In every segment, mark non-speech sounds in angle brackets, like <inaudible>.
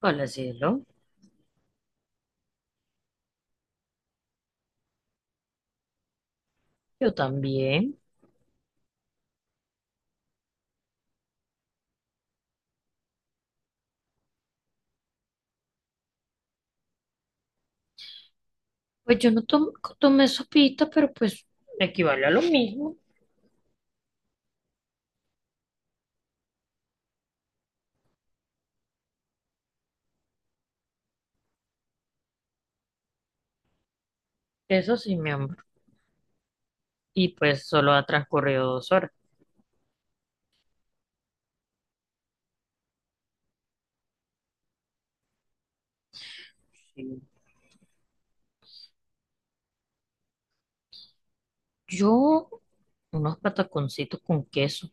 Hola, cielo. Yo también. Pues yo no tom- tomé sopita, pero pues equivale a lo mismo. Eso sí, mi amor. Y pues solo ha transcurrido dos horas. Sí. Yo, unos pataconcitos con queso.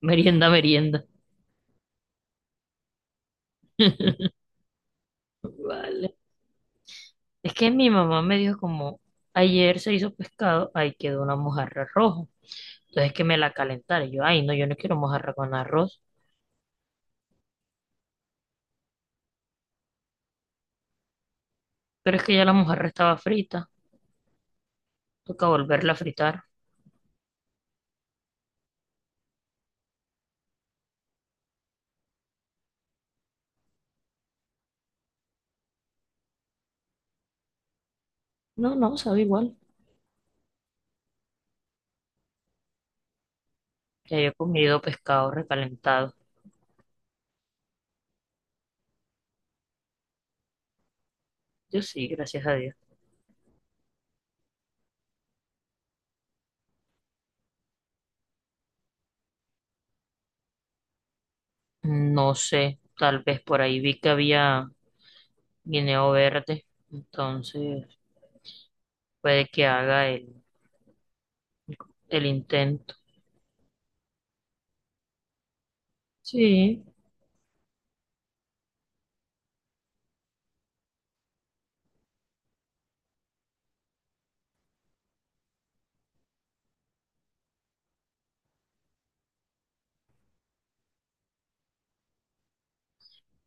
<laughs> Merienda, merienda. Vale. Es que mi mamá me dijo como, ayer se hizo pescado, ahí quedó una mojarra roja. Entonces que me la calentara. Y yo, ay, no, yo no quiero mojarra con arroz. Pero es que ya la mojarra estaba frita. Toca volverla a fritar. No, no, sabe igual. Ya yo he comido pescado recalentado. Yo sí, gracias a Dios. No sé, tal vez por ahí vi que había guineo verde, entonces puede que haga el intento. Sí,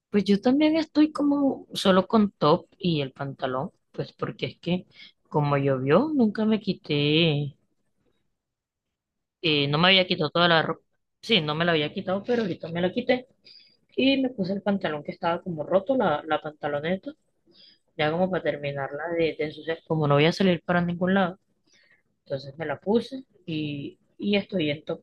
pues yo también estoy como solo con top y el pantalón, pues porque es que como llovió, nunca me quité, no me había quitado toda la ropa. Sí, no me la había quitado, pero ahorita me la quité y me puse el pantalón que estaba como roto, la pantaloneta. Ya como para terminarla de ensuciar, como no voy a salir para ningún lado, entonces me la puse y estoy en top.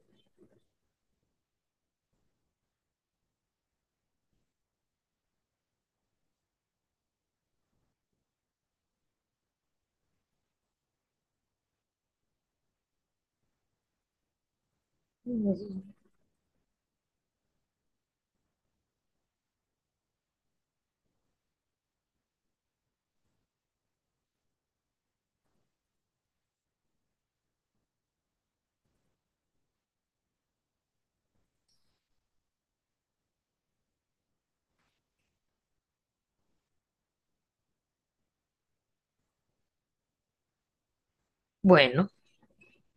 Bueno,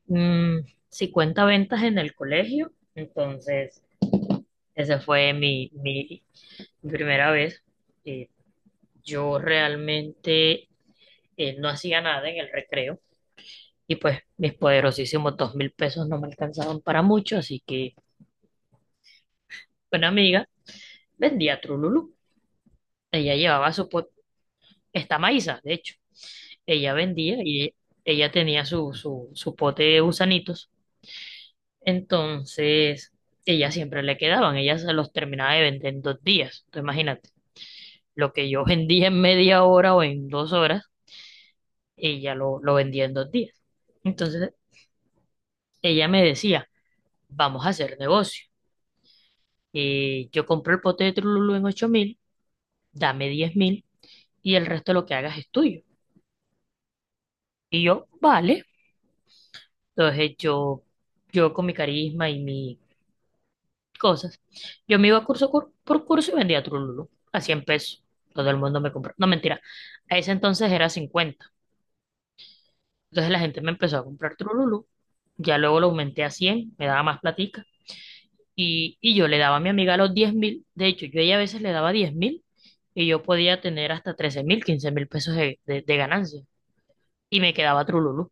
mm, 50 ventas en el colegio, entonces esa fue mi primera vez. Eh, yo realmente no hacía nada en el recreo y pues mis poderosísimos 2000 pesos no me alcanzaban para mucho, así que una amiga vendía Trululú. Ella llevaba su, po- está Maísa, de hecho. Ella vendía y ella tenía su pote de gusanitos. Entonces, ella siempre le quedaban, ella se los terminaba de vender en dos días. Entonces, imagínate, lo que yo vendía en media hora o en dos horas, ella lo vendía en dos días. Entonces, ella me decía, vamos a hacer negocio. Yo compro el pote de Trululú en 8000, dame 10 000 y el resto de lo que hagas es tuyo. Y yo, vale. Entonces, yo con mi carisma y mi cosas. Yo me iba por curso y vendía Trululú a 100 pesos. Todo el mundo me compró. No, mentira. A ese entonces era 50. Entonces la gente me empezó a comprar Trululú. Ya luego lo aumenté a 100. Me daba más platica. Y yo le daba a mi amiga los 10 000. De hecho, yo a ella a veces le daba 10 000 y yo podía tener hasta 13 000, 15 000 pesos de, de ganancia. Y me quedaba Trululú.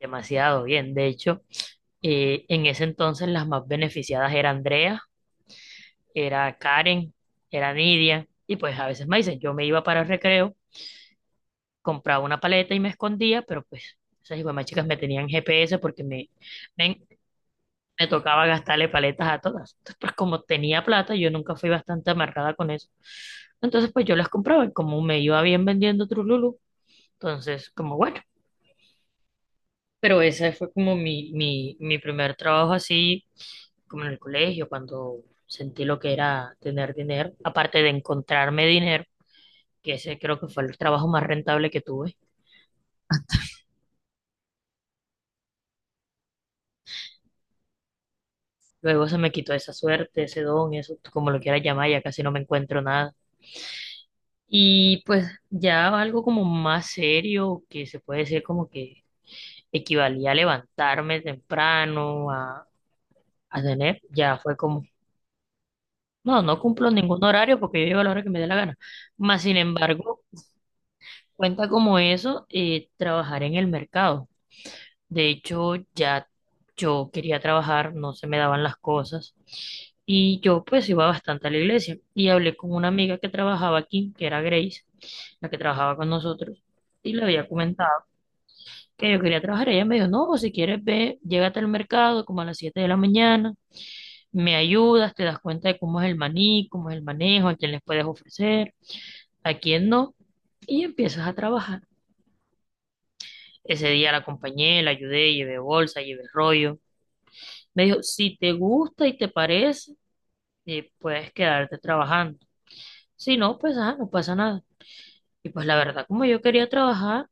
Demasiado bien. De hecho, en ese entonces las más beneficiadas eran Andrea, era Karen, era Nidia, y pues a veces Maisen. Yo me iba para el recreo, compraba una paleta y me escondía, pero pues esas más chicas me tenían GPS porque me, me tocaba gastarle paletas a todas. Entonces, pues como tenía plata, yo nunca fui bastante amarrada con eso. Entonces, pues yo las compraba y como me iba bien vendiendo Trululu, entonces, como bueno. Pero ese fue como mi primer trabajo así, como en el colegio, cuando sentí lo que era tener dinero, aparte de encontrarme dinero, que ese creo que fue el trabajo más rentable que tuve. Luego se me quitó esa suerte, ese don, eso, como lo quieras llamar, ya casi no me encuentro nada. Y pues ya algo como más serio, que se puede decir como que equivalía a levantarme temprano, a tener, ya fue como, no, no cumplo ningún horario porque yo llego a la hora que me dé la gana. Más sin embargo, cuenta como eso, trabajar en el mercado. De hecho, ya yo quería trabajar, no se me daban las cosas. Y yo pues iba bastante a la iglesia. Y hablé con una amiga que trabajaba aquí, que era Grace, la que trabajaba con nosotros. Y le había comentado que yo quería trabajar. Ella me dijo, no, si quieres ve, llégate al mercado como a las 7 de la mañana, me ayudas, te das cuenta de cómo es el maní, cómo es el manejo, a quién les puedes ofrecer, a quién no. Y empiezas a trabajar. Ese día la acompañé, la ayudé, llevé bolsa, llevé rollo. Me dijo, si te gusta y te parece, puedes quedarte trabajando. Si no, pues ah, no pasa nada. Y pues la verdad, como yo quería trabajar,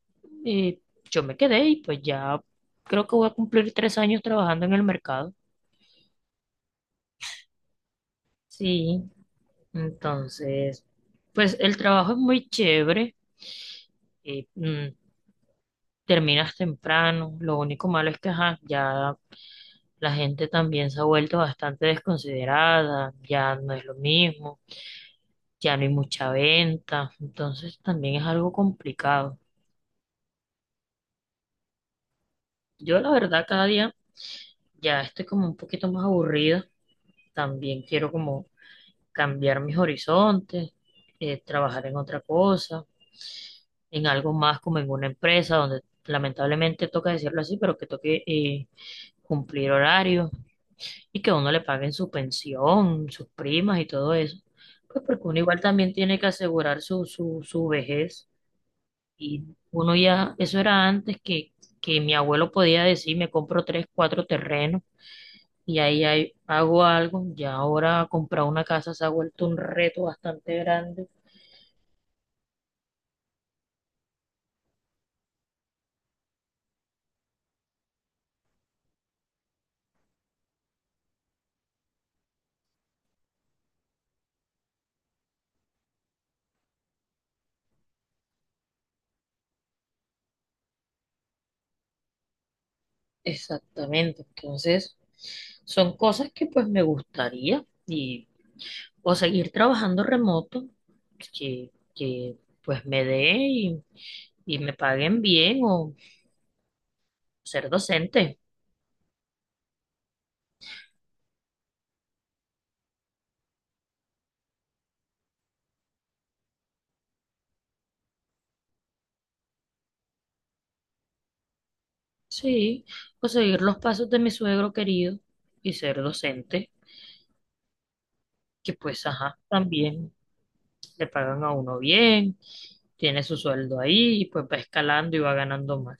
eh, yo me quedé y pues ya creo que voy a cumplir 3 años trabajando en el mercado. Sí, entonces, pues el trabajo es muy chévere. eh, mm, Terminas temprano. Lo único malo es que ajá, ya la gente también se ha vuelto bastante desconsiderada. Ya no es lo mismo. Ya no hay mucha venta, entonces también es algo complicado. Yo la verdad cada día ya estoy como un poquito más aburrida, también quiero como cambiar mis horizontes, trabajar en otra cosa, en algo más como en una empresa donde lamentablemente toca decirlo así, pero que toque cumplir horarios y que a uno le paguen su pensión, sus primas y todo eso. Pues porque uno igual también tiene que asegurar su vejez. Y uno ya, eso era antes que mi abuelo podía decir, me compro tres, cuatro terrenos y ahí hago algo. Ya ahora comprar una casa se ha vuelto un reto bastante grande. Exactamente. Entonces, son cosas que pues me gustaría y o seguir trabajando remoto, que pues me dé y me paguen bien o ser docente. Sí, o seguir los pasos de mi suegro querido y ser docente. Que pues, ajá, también le pagan a uno bien, tiene su sueldo ahí, y pues va escalando y va ganando más.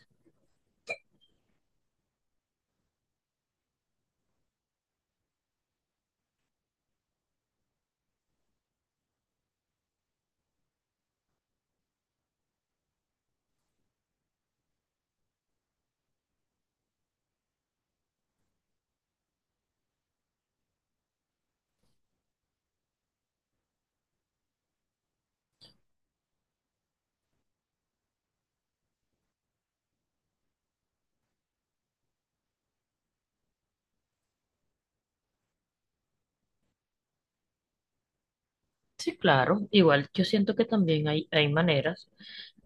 Sí, claro, igual yo siento que también hay maneras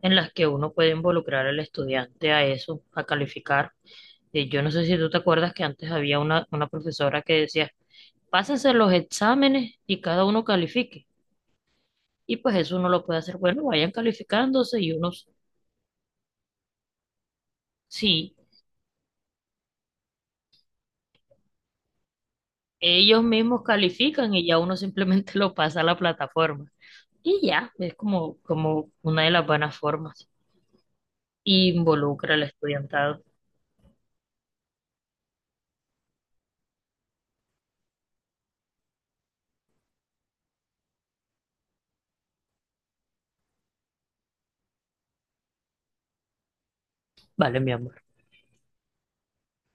en las que uno puede involucrar al estudiante a eso, a calificar. Yo no sé si tú te acuerdas que antes había una profesora que decía, pásense los exámenes y cada uno califique. Y pues eso uno lo puede hacer, bueno, vayan calificándose y unos, sí, ellos mismos califican y ya uno simplemente <laughs> lo pasa a la plataforma. Y ya, es como, como una de las buenas formas. Involucra al estudiantado. Vale, mi amor.